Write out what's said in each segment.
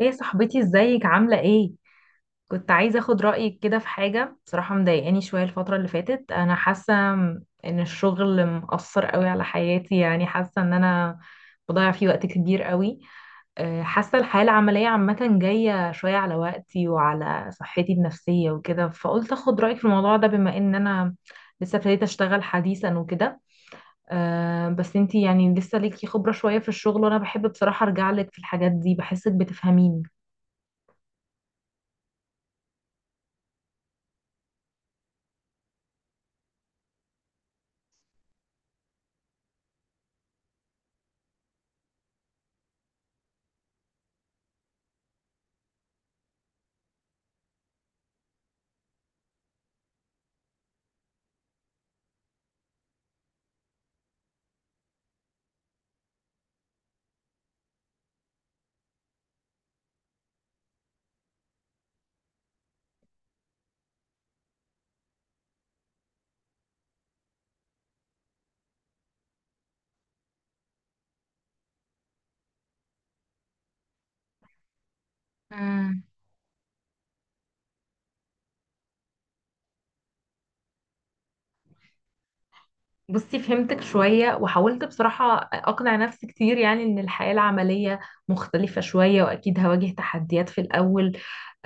ايه يا صاحبتي، ازيك؟ عاملة ايه؟ كنت عايزة اخد رأيك كده في حاجة، بصراحة مضايقاني شوية الفترة اللي فاتت. انا حاسة ان الشغل مأثر قوي على حياتي، يعني حاسة ان انا بضيع فيه وقت كبير قوي. حاسة الحياة العملية عامة جاية شوية على وقتي وعلى صحتي النفسية وكده، فقلت اخد رأيك في الموضوع ده، بما ان انا لسه ابتديت اشتغل حديثا وكده. بس انتي يعني لسه ليكي خبرة شوية في الشغل، وانا بحب بصراحة ارجع لك في الحاجات دي، بحسك بتفهميني. بصي، فهمتك شوية وحاولت بصراحة أقنع نفسي كتير، يعني إن الحياة العملية مختلفة شوية، وأكيد هواجه تحديات في الأول.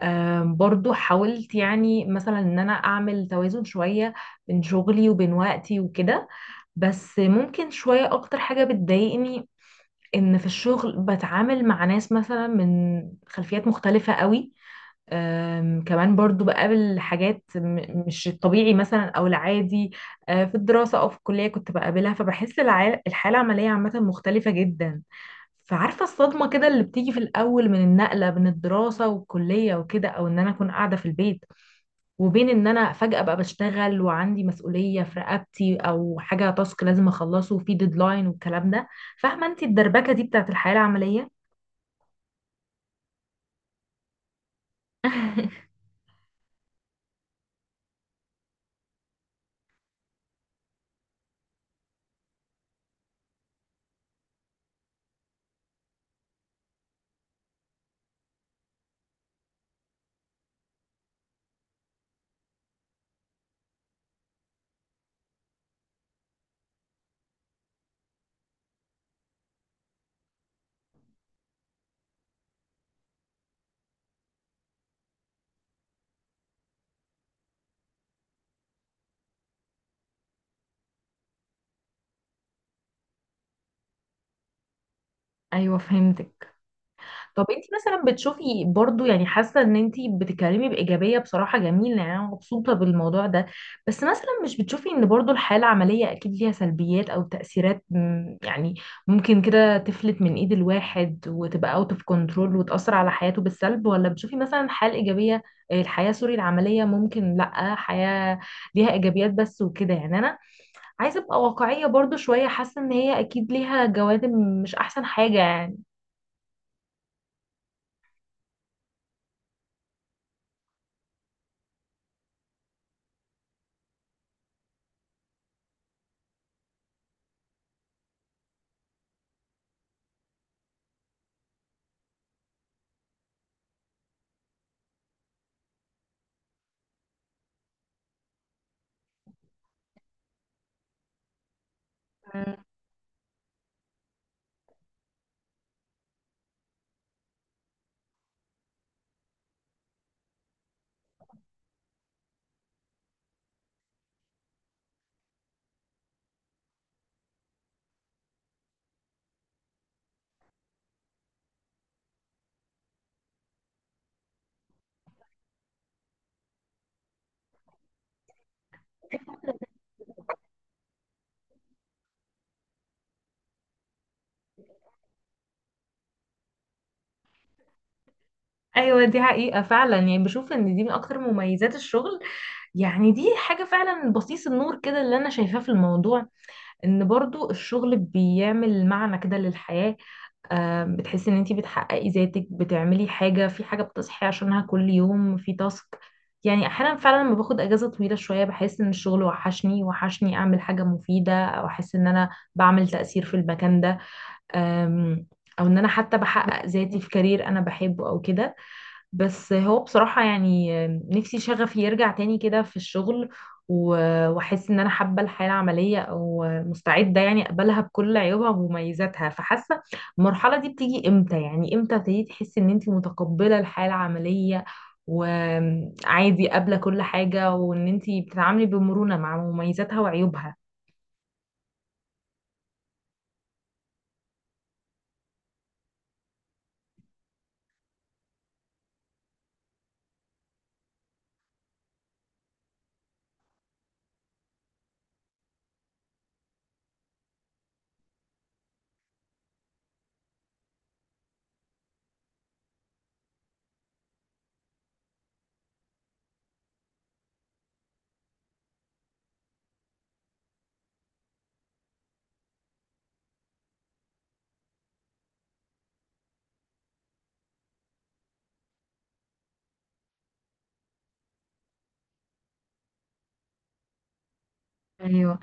برضو حاولت يعني مثلا إن أنا أعمل توازن شوية بين شغلي وبين وقتي وكده. بس ممكن شوية أكتر حاجة بتضايقني إن في الشغل بتعامل مع ناس مثلا من خلفيات مختلفة قوي. كمان برضو بقابل حاجات مش الطبيعي مثلا او العادي في الدراسة او في الكلية كنت بقابلها، فبحس الحالة العملية عامة مختلفة جدا. فعارفة الصدمة كده اللي بتيجي في الأول من النقلة بين الدراسة والكلية وكده، أو إن أنا أكون قاعدة في البيت، وبين إن أنا فجأة بقى بشتغل وعندي مسؤولية في رقبتي، أو حاجة تاسك لازم أخلصه وفي ديدلاين والكلام ده. فاهمة أنت الدربكة دي بتاعت الحياة العملية؟ أيوه، فهمتك. طب انت مثلا بتشوفي برضو، يعني حاسه ان انت بتتكلمي بايجابيه، بصراحه جميله، يعني انا مبسوطه بالموضوع ده. بس مثلا مش بتشوفي ان برضو الحياه العمليه اكيد ليها سلبيات او تاثيرات يعني ممكن كده تفلت من ايد الواحد وتبقى اوت اوف كنترول وتاثر على حياته بالسلب، ولا بتشوفي مثلا الحياه الايجابيه؟ الحياه سوري العمليه ممكن لا حياه ليها ايجابيات بس وكده، يعني انا عايزه ابقى واقعيه برضو شويه، حاسه ان هي اكيد ليها جوانب مش احسن حاجه يعني. ايوه، دي حقيقة فعلا، يعني بشوف ان دي من اكتر مميزات الشغل. يعني دي حاجة فعلا بصيص النور كده اللي انا شايفاه في الموضوع، ان برضو الشغل بيعمل معنى كده للحياة. بتحسي ان انتي بتحققي ذاتك، بتعملي حاجة في حاجة بتصحي عشانها كل يوم، في تاسك. يعني احيانا فعلا لما باخد اجازة طويلة شوية بحس ان الشغل وحشني، وحشني اعمل حاجة مفيدة، او احس ان انا بعمل تأثير في المكان ده. أم، او ان انا حتى بحقق ذاتي في كارير انا بحبه او كده. بس هو بصراحة يعني نفسي شغفي يرجع تاني كده في الشغل، واحس ان انا حابة الحياة العملية، او مستعدة يعني اقبلها بكل عيوبها ومميزاتها. فحاسة المرحلة دي بتيجي امتى؟ يعني امتى ابتديتي تحسي ان انت متقبلة الحياة العملية وعادي قابلة كل حاجة، وان انت بتتعاملي بمرونة مع مميزاتها وعيوبها؟ ايوه.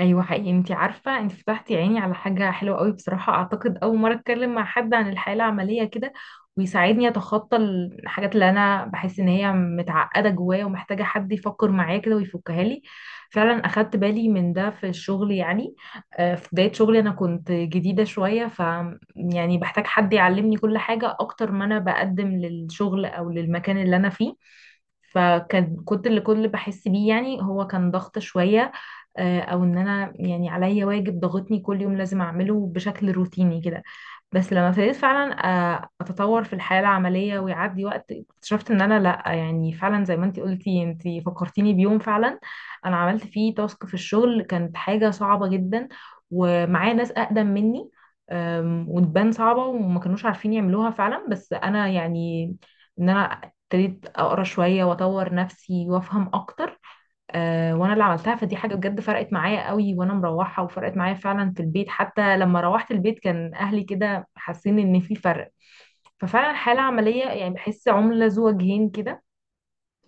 ايوه حقيقي، انت عارفه انت فتحتي عيني على حاجه حلوه قوي بصراحه. اعتقد اول مره اتكلم مع حد عن الحياه العمليه كده ويساعدني اتخطى الحاجات اللي انا بحس ان هي متعقده جوايا ومحتاجه حد يفكر معايا كده ويفكها لي. فعلا اخدت بالي من ده في الشغل يعني. في بدايه شغلي انا كنت جديده شويه، ف يعني بحتاج حد يعلمني كل حاجه اكتر ما انا بقدم للشغل او للمكان اللي انا فيه. فكان كنت اللي كل اللي بحس بيه يعني هو كان ضغط شوية، او ان انا يعني عليا واجب ضاغطني كل يوم لازم اعمله بشكل روتيني كده. بس لما ابتديت فعلا اتطور في الحياة العملية ويعدي وقت، اكتشفت ان انا لا، يعني فعلا زي ما انتي قلتي. انتي فكرتيني بيوم فعلا انا عملت فيه تاسك في الشغل كانت حاجة صعبة جدا، ومعايا ناس اقدم مني وتبان صعبة وما كانوش عارفين يعملوها فعلا. بس انا يعني ان انا ابتديت اقرا شوية واطور نفسي وافهم اكتر وانا اللي عملتها. فدي حاجه بجد فرقت معايا قوي وانا مروحه، وفرقت معايا فعلا في البيت، حتى لما روحت البيت كان اهلي كده حاسين ان في فرق. ففعلا الحالة العملية يعني بحس عملة ذو وجهين كده،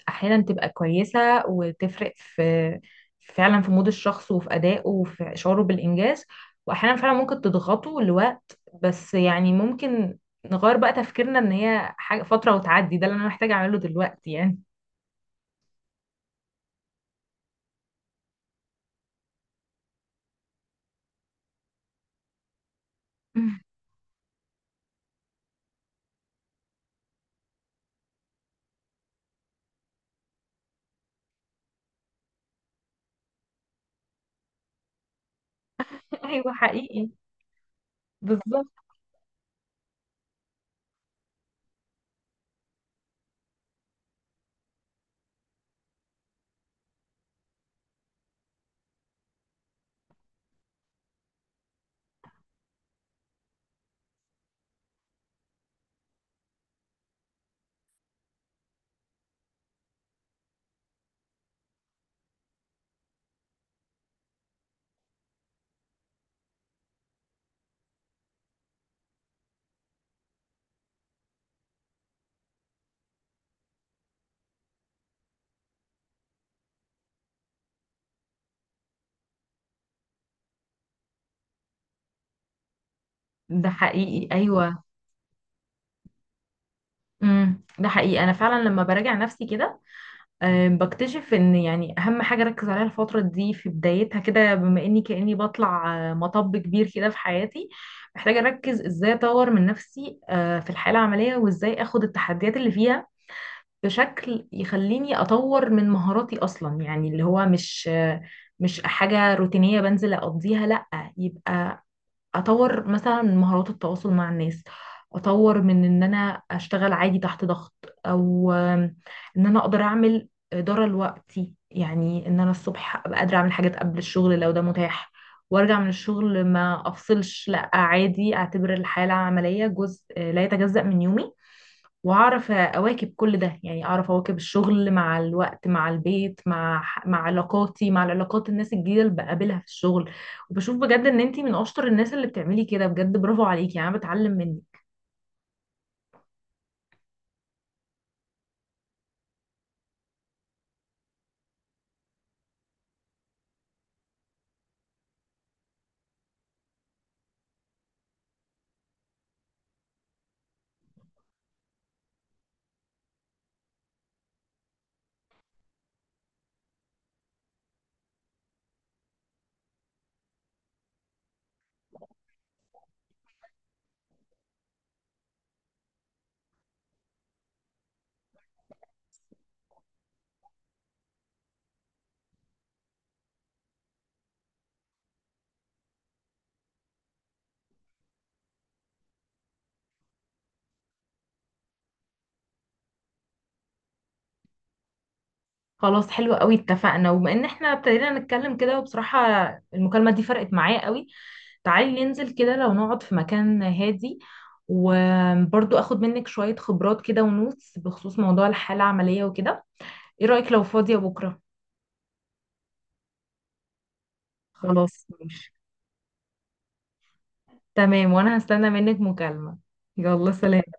احيانا تبقى كويسة وتفرق في فعلا في مود الشخص وفي ادائه وفي شعوره بالانجاز، واحيانا فعلا ممكن تضغطه لوقت. بس يعني ممكن نغير بقى تفكيرنا ان هي حاجة فترة وتعدي، ده اللي انا محتاجة اعمله دلوقتي يعني. ايوه حقيقي. بالظبط. ده حقيقي ايوه. ده حقيقي. انا فعلا لما براجع نفسي كده بكتشف ان يعني اهم حاجه اركز عليها الفتره دي في بدايتها كده، بما اني كاني بطلع مطب كبير كده في حياتي. محتاجه اركز ازاي اطور من نفسي في الحياه العمليه، وازاي اخد التحديات اللي فيها بشكل يخليني اطور من مهاراتي اصلا. يعني اللي هو مش مش حاجه روتينيه بنزل اقضيها، لا. يبقى اطور مثلا من مهارات التواصل مع الناس، اطور من ان انا اشتغل عادي تحت ضغط، او ان انا اقدر اعمل اداره لوقتي. يعني ان انا الصبح ابقى قادره اعمل حاجات قبل الشغل لو ده متاح، وارجع من الشغل ما افصلش، لا عادي اعتبر الحياه العمليه جزء لا يتجزأ من يومي. واعرف اواكب كل ده، يعني اعرف اواكب الشغل مع الوقت، مع البيت، مع علاقاتي، مع العلاقات الناس الجديده اللي بقابلها في الشغل. وبشوف بجد ان انتي من اشطر الناس اللي بتعملي كده بجد، برافو عليكي، يعني انا بتعلم منك. خلاص، حلو قوي، اتفقنا. وبما ان احنا ابتدينا نتكلم كده وبصراحه المكالمه دي فرقت معايا قوي، تعالي ننزل كده لو نقعد في مكان هادي، وبرضو اخد منك شويه خبرات كده ونوتس بخصوص موضوع الحاله العمليه وكده. ايه رايك لو فاضيه بكره؟ خلاص ماشي. تمام، وانا هستنى منك مكالمة. يلا سلام.